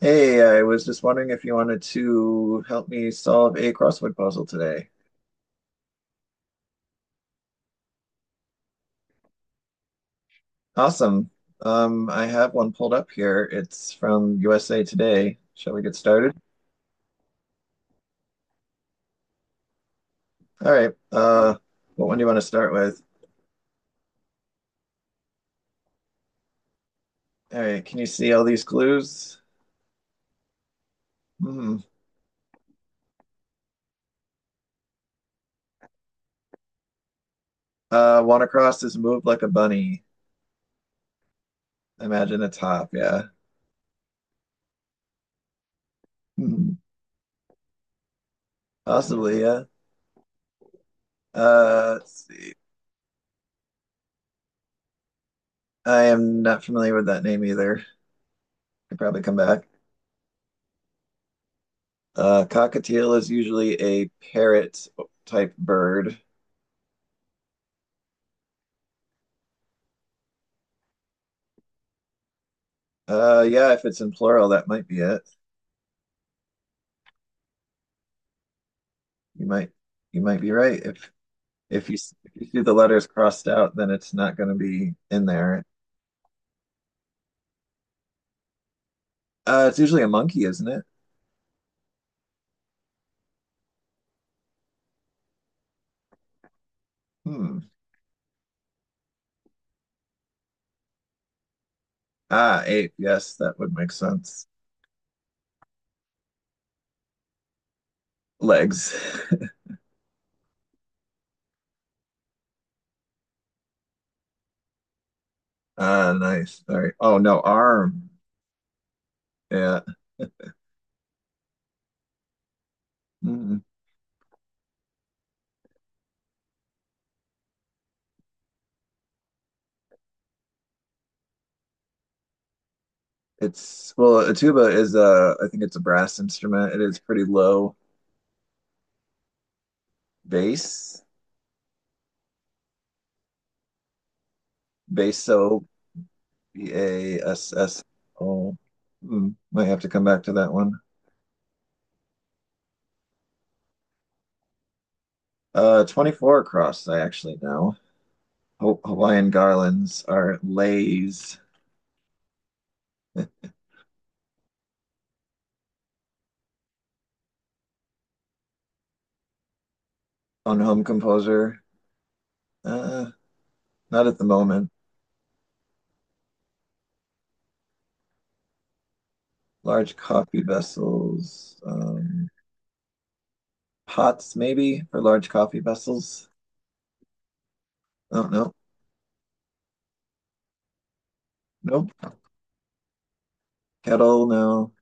Hey, I was just wondering if you wanted to help me solve a crossword puzzle today. Awesome. I have one pulled up here. It's from USA Today. Shall we get started? All right. What one do you want to start with? All right. Can you see all these clues? Hmm. Wanacross is moved like a bunny. Imagine a top. Yeah. Hmm. Possibly. Yeah. Let's see. I am not familiar with that name either. Could probably come back. Cockatiel is usually a parrot type bird. Yeah, if it's in plural, that might be it. You might you might be right. If you see the letters crossed out, then it's not going to be in there. It's usually a monkey, isn't it? Hmm. Ah, ape. Yes, that would make sense. Legs. Ah, nice. All right. Oh no, arm. Yeah. Mm. It's well, a tuba is a. I think it's a brass instrument. It is pretty low bass, basso B A S S O. Hmm, might have to come back to that one. 24 across, I actually know. Ho- Hawaiian garlands are lays on home composer. Uh, Not at the moment. Large coffee vessels, pots maybe for large coffee vessels. Oh, no, nope. Kettle, no.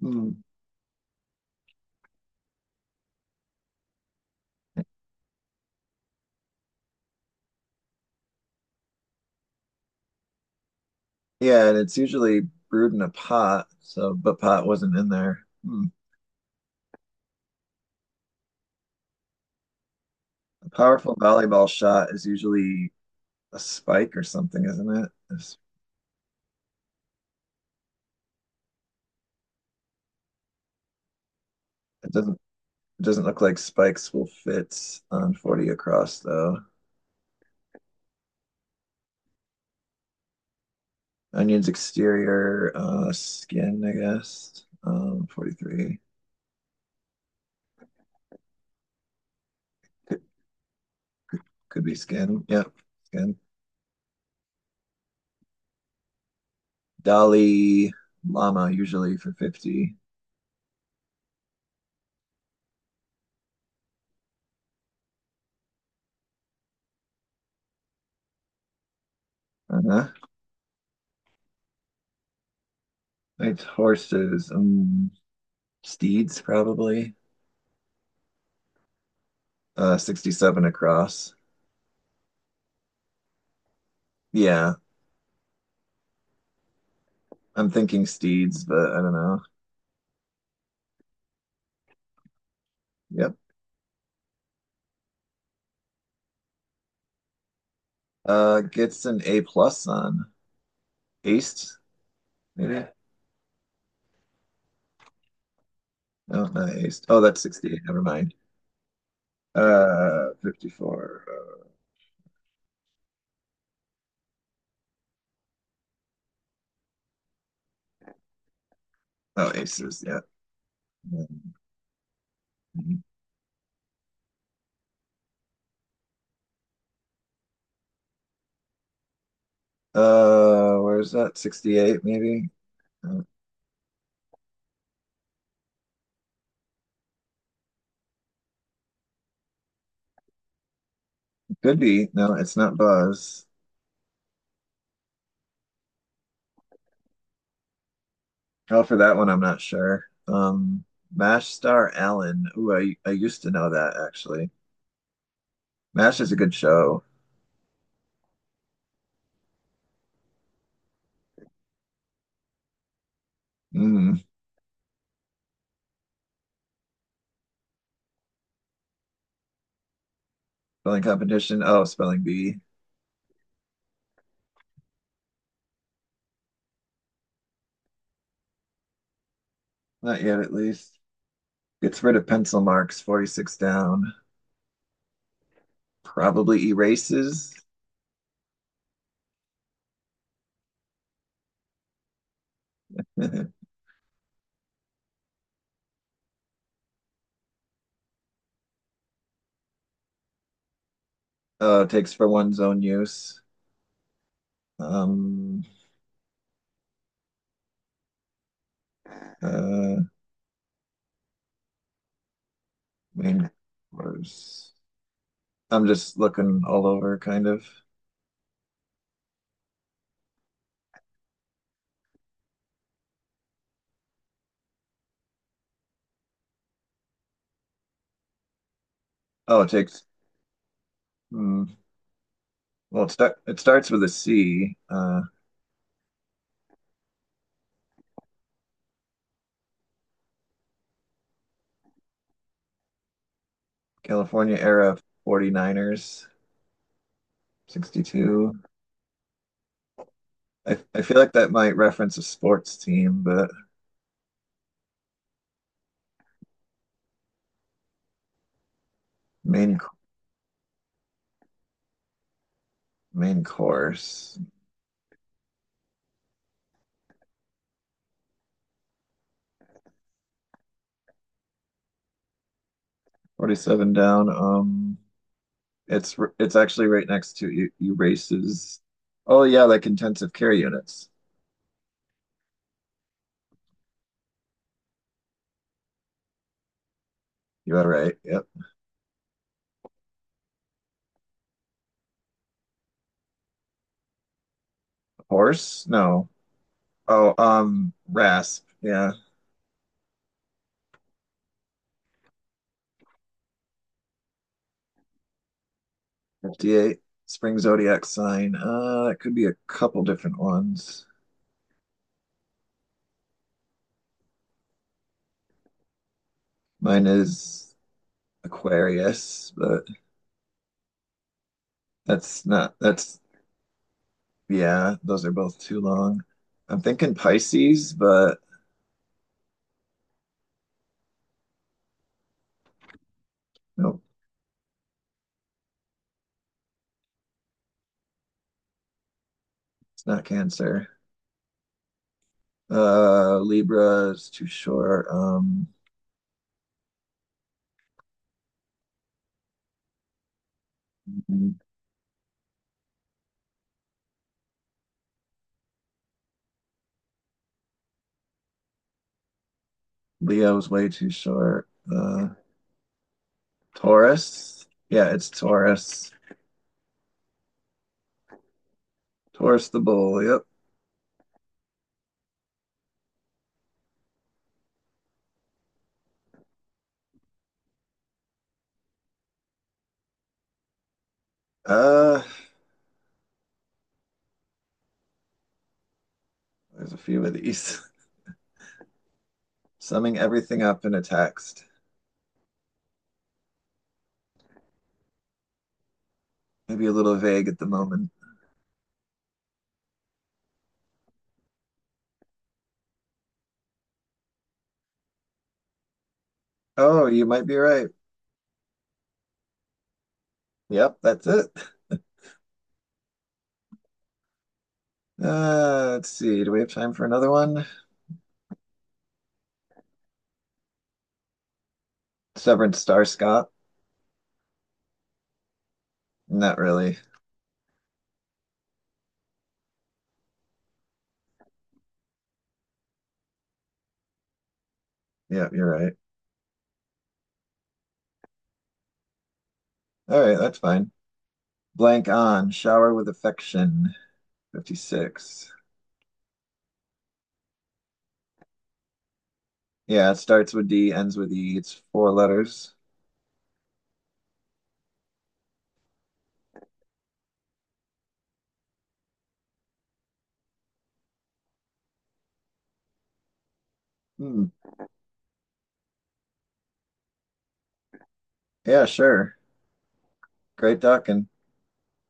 Hmm. Yeah, and it's usually brewed in a pot, so, but pot wasn't in there. Hmm. A powerful volleyball shot is usually a spike or something, isn't it? It's- It doesn't it doesn't look like spikes will fit on 40 across though. Onion's exterior skin, I guess. 43 could be skin. Yep, skin. Dolly llama usually for 50. Uh-huh. It's horses, steeds probably. 67 across. Yeah, I'm thinking steeds, but I don't know. Yep. Gets an A plus on. Aced, maybe. Oh, not ace. Oh, that's 68. Never mind. 54. Oh, aces. Yeah. Mhm. Where's that? 68, maybe? Uh, could be. No, it's not Buzz. Oh, for that one, I'm not sure. MASH star Allen. Ooh, I used to know that actually. MASH is a good show. Mm, spelling competition. Oh, spelling bee. Not yet, at least. Gets rid of pencil marks, 46 down. Probably erases. Takes for one's own use. Um, uh, Main course. I'm just looking all over, kind of. Oh, it takes. Hmm, well, it starts with a C. California era Forty niners. 62. I feel like that might reference a sports team, but main main course 47 down. It's actually right next to you. You races. Oh yeah, like intensive care units. You are right. Yep. Horse? No. Oh, Rasp. Yeah. 58. Spring zodiac sign. It could be a couple different ones. Mine is Aquarius, but that's not, that's, yeah, those are both too long. I'm thinking Pisces, but nope, it's not Cancer. Libra is too short. Leo's way too short. Taurus. Yeah, it's Taurus. Taurus the bull. Yep. Uh, there's a few of these. Summing everything up in a text. Maybe a little vague at the moment. Oh, you might be right. Yep, that's it. Let's see. Do we have time for another one? Severed Star Scott? Not really. Yep, you're right. All right, that's fine. Blank on. Shower with affection. 56. Yeah, it starts with D, ends with E. It's four letters. Hmm. Yeah, sure. Great talking.